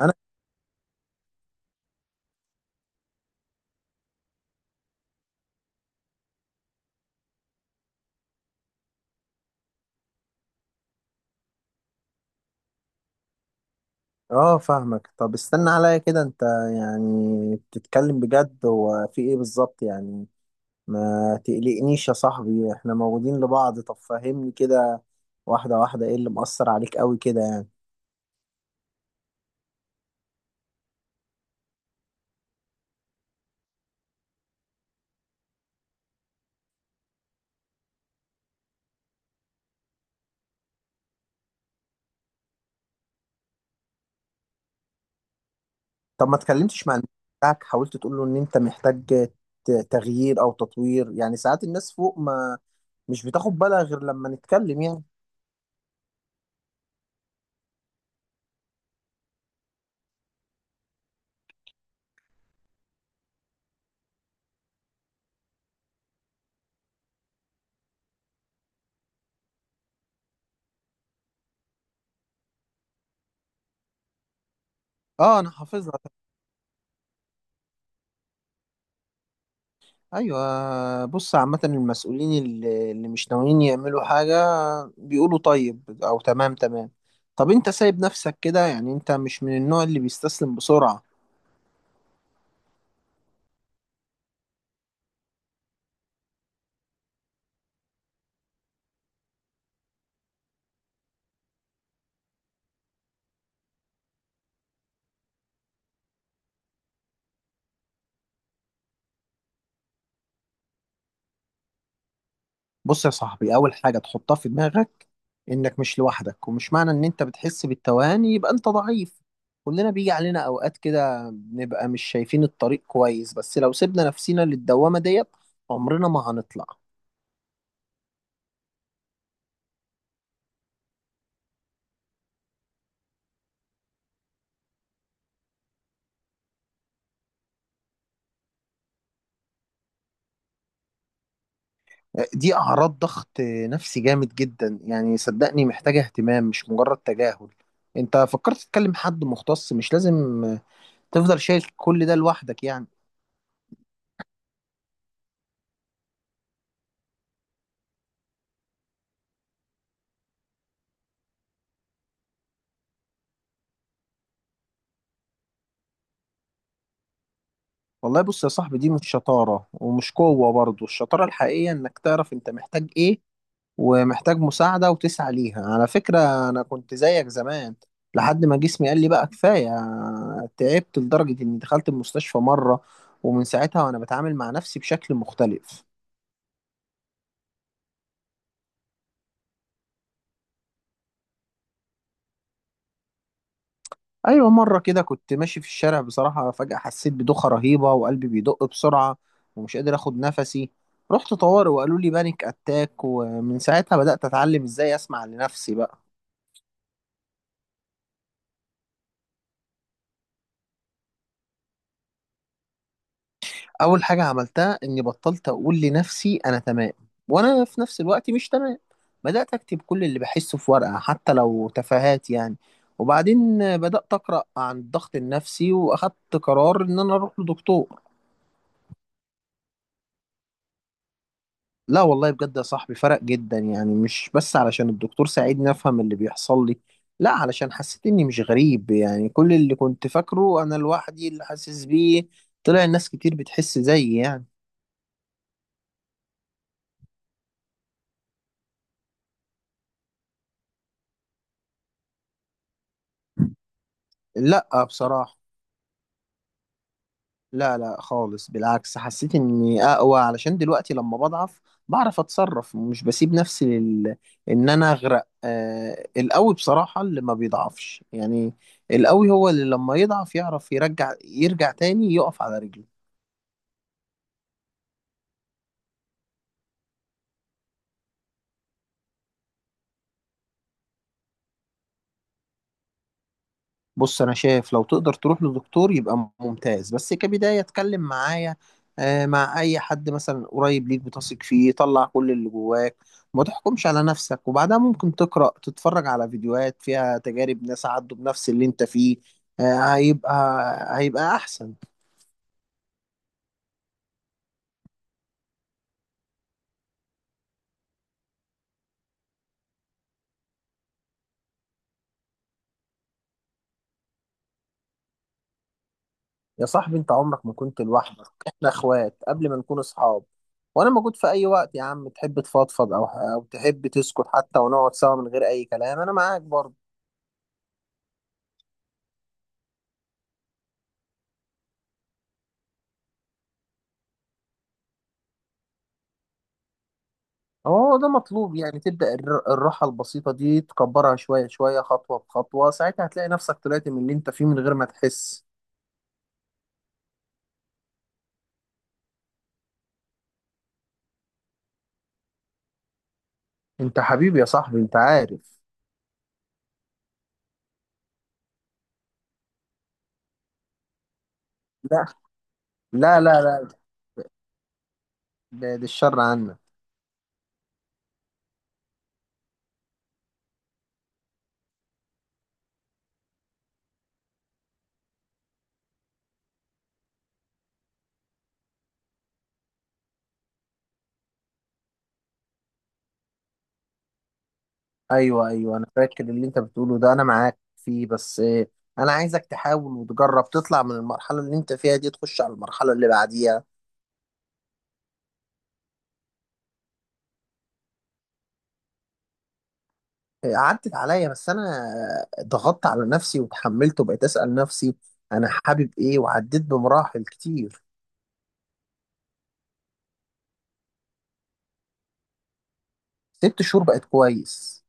انا. اه، فاهمك. طب استنى عليا كده انت، يعني بتتكلم بجد، هو في ايه بالظبط يعني؟ ما تقلقنيش يا صاحبي، احنا موجودين لبعض. طب فهمني كده، واحدة واحدة، ايه اللي مأثر عليك قوي كده يعني؟ طب ما اتكلمتش مع الناس بتاعك؟ حاولت تقول له ان انت محتاج تغيير او تطوير، يعني ساعات الناس فوق، ما مش بتاخد بالها غير لما نتكلم يعني. اه، انا حافظها. ايوه، بص، عامة المسؤولين اللي مش ناويين يعملوا حاجة بيقولوا طيب او تمام تمام. طب انت سايب نفسك كده يعني؟ انت مش من النوع اللي بيستسلم بسرعة. بص يا صاحبي، اول حاجة تحطها في دماغك انك مش لوحدك، ومش معنى ان انت بتحس بالتوهان يبقى انت ضعيف. كلنا بيجي علينا اوقات كده بنبقى مش شايفين الطريق كويس، بس لو سيبنا نفسنا للدوامة ديت عمرنا ما هنطلع. دي أعراض ضغط نفسي جامد جدا، يعني صدقني محتاجة اهتمام مش مجرد تجاهل. انت فكرت تتكلم حد مختص؟ مش لازم تفضل شايل كل ده لوحدك يعني. والله، بص يا صاحبي، دي مش شطارة ومش قوة برضه، الشطارة الحقيقية انك تعرف انت محتاج ايه ومحتاج مساعدة وتسعى ليها. على فكرة، انا كنت زيك زمان لحد ما جسمي قال لي بقى كفاية. تعبت لدرجة اني دخلت المستشفى مرة، ومن ساعتها وانا بتعامل مع نفسي بشكل مختلف. ايوه، مره كده كنت ماشي في الشارع بصراحه، فجاه حسيت بدوخه رهيبه وقلبي بيدق بسرعه ومش قادر اخد نفسي. رحت طوارئ وقالوا لي بانيك اتاك، ومن ساعتها بدات اتعلم ازاي اسمع لنفسي بقى. اول حاجه عملتها اني بطلت اقول لنفسي انا تمام، وانا في نفس الوقت مش تمام. بدات اكتب كل اللي بحسه في ورقه حتى لو تفاهات يعني، وبعدين بدات اقرا عن الضغط النفسي واخدت قرار ان انا اروح لدكتور. لا والله، بجد يا صاحبي، فرق جدا، يعني مش بس علشان الدكتور ساعدني افهم اللي بيحصل لي، لا علشان حسيت اني مش غريب، يعني كل اللي كنت فاكره انا لوحدي اللي حاسس بيه، طلع الناس كتير بتحس زيي يعني. لا بصراحة، لا، لا، خالص، بالعكس حسيت اني اقوى، علشان دلوقتي لما بضعف بعرف اتصرف، مش بسيب نفسي ان انا اغرق. القوي بصراحة اللي ما بيضعفش يعني، القوي هو اللي لما يضعف يعرف يرجع تاني يقف على رجله. بص، انا شايف لو تقدر تروح لدكتور يبقى ممتاز، بس كبداية اتكلم معايا، مع اي حد مثلا قريب ليك بتثق فيه، طلع كل اللي جواك. ما تحكمش على نفسك، وبعدها ممكن تقرأ تتفرج على فيديوهات فيها تجارب ناس عدوا بنفس اللي انت فيه. آه، هيبقى هيبقى احسن. يا صاحبي، انت عمرك ما كنت لوحدك، احنا اخوات قبل ما نكون اصحاب. وانا موجود في اي وقت يا عم، تحب تفضفض او تحب تسكت حتى، ونقعد سوا من غير اي كلام، انا معاك برضه. هو ده مطلوب، يعني تبدأ الراحة البسيطة دي تكبرها شوية شوية خطوة بخطوة، ساعتها هتلاقي نفسك طلعت من اللي انت فيه من غير ما تحس. انت حبيبي يا صاحبي، انت عارف. لا، لا، لا، لا، بعد الشر عنا. ايوه، ايوه، انا فاكر اللي انت بتقوله ده، انا معاك فيه، بس انا عايزك تحاول وتجرب تطلع من المرحلة اللي انت فيها دي، تخش على المرحلة اللي بعديها. اه، عدت عليا، بس انا اه، ضغطت على نفسي وتحملت وبقيت اسأل نفسي انا حابب ايه، وعديت بمراحل كتير. 6 شهور بقت كويس.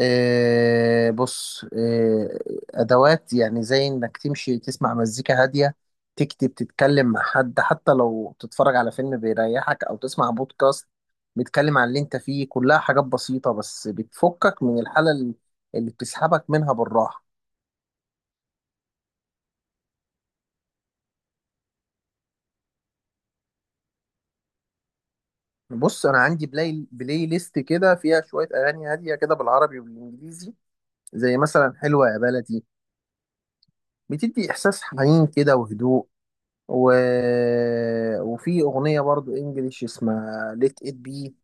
آه، بص، أدوات يعني زي إنك تمشي تسمع مزيكا هادية، تكتب، تتكلم مع حد، حتى لو تتفرج على فيلم بيريحك أو تسمع بودكاست بيتكلم عن اللي أنت فيه، كلها حاجات بسيطة بس بتفكك من الحالة اللي بتسحبك منها بالراحة. بص، أنا عندي بلاي ليست كده فيها شوية أغاني هادية كده بالعربي والإنجليزي، زي مثلا حلوة يا بلدي، بتدي إحساس حنين كده وهدوء. و... وفي اغنيه برضو انجليش اسمها ليت ات بي،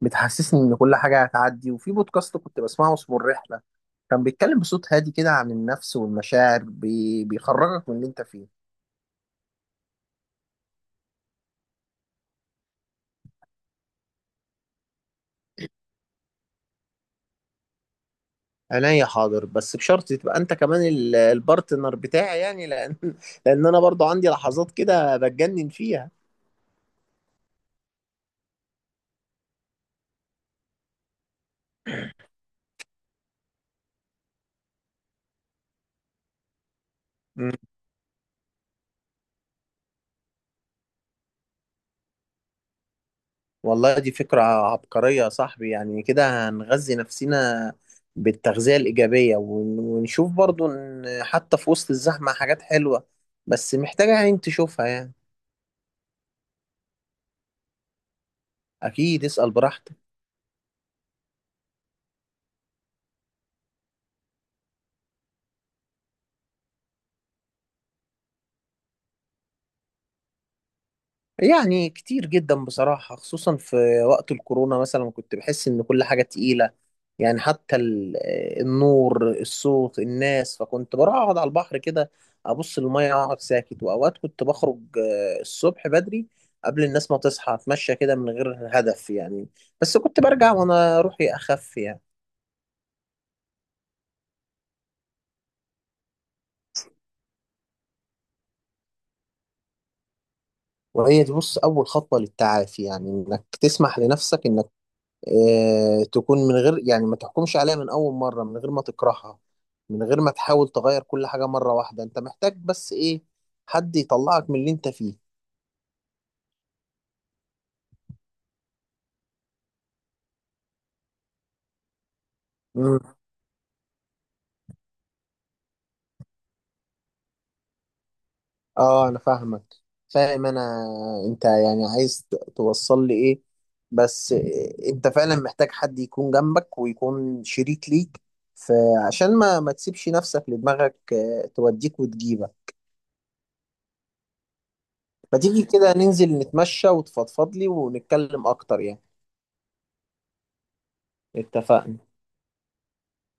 بتحسسني ان كل حاجه هتعدي. وفي بودكاست كنت بسمعه اسمه الرحله، كان بيتكلم بصوت هادي كده عن النفس والمشاعر، بيخرجك من اللي انت فيه. عينيا حاضر، بس بشرط تبقى انت كمان البارتنر بتاعي يعني، لان لان انا برضو عندي لحظات كده بتجنن فيها. والله دي فكرة عبقرية يا صاحبي، يعني كده هنغذي نفسنا بالتغذية الإيجابية، ونشوف برضو إن حتى في وسط الزحمة حاجات حلوة، بس محتاجة عين تشوفها يعني. أكيد، اسأل براحتك. يعني كتير جدا بصراحة، خصوصا في وقت الكورونا مثلا كنت بحس إن كل حاجة تقيلة، يعني حتى النور الصوت الناس، فكنت بروح أقعد على البحر كده، أبص للمية أقعد ساكت، وأوقات كنت بخرج الصبح بدري قبل الناس ما تصحى أتمشى كده من غير هدف يعني، بس كنت برجع وأنا روحي أخف يعني. وهي دي بص أول خطوة للتعافي، يعني إنك تسمح لنفسك إنك تكون من غير، يعني ما تحكمش عليها من أول مرة، من غير ما تكرهها، من غير ما تحاول تغير كل حاجة مرة واحدة. أنت محتاج بس إيه؟ حد يطلعك من اللي أنت فيه. مم. آه، أنا فاهمك، فاهم أنا. أنت يعني عايز توصل لي إيه؟ بس أنت فعلا محتاج حد يكون جنبك ويكون شريك ليك، فعشان ما تسيبش نفسك لدماغك توديك وتجيبك. ما تيجي كده ننزل نتمشى وتفضفض لي ونتكلم أكتر يعني؟ اتفقنا.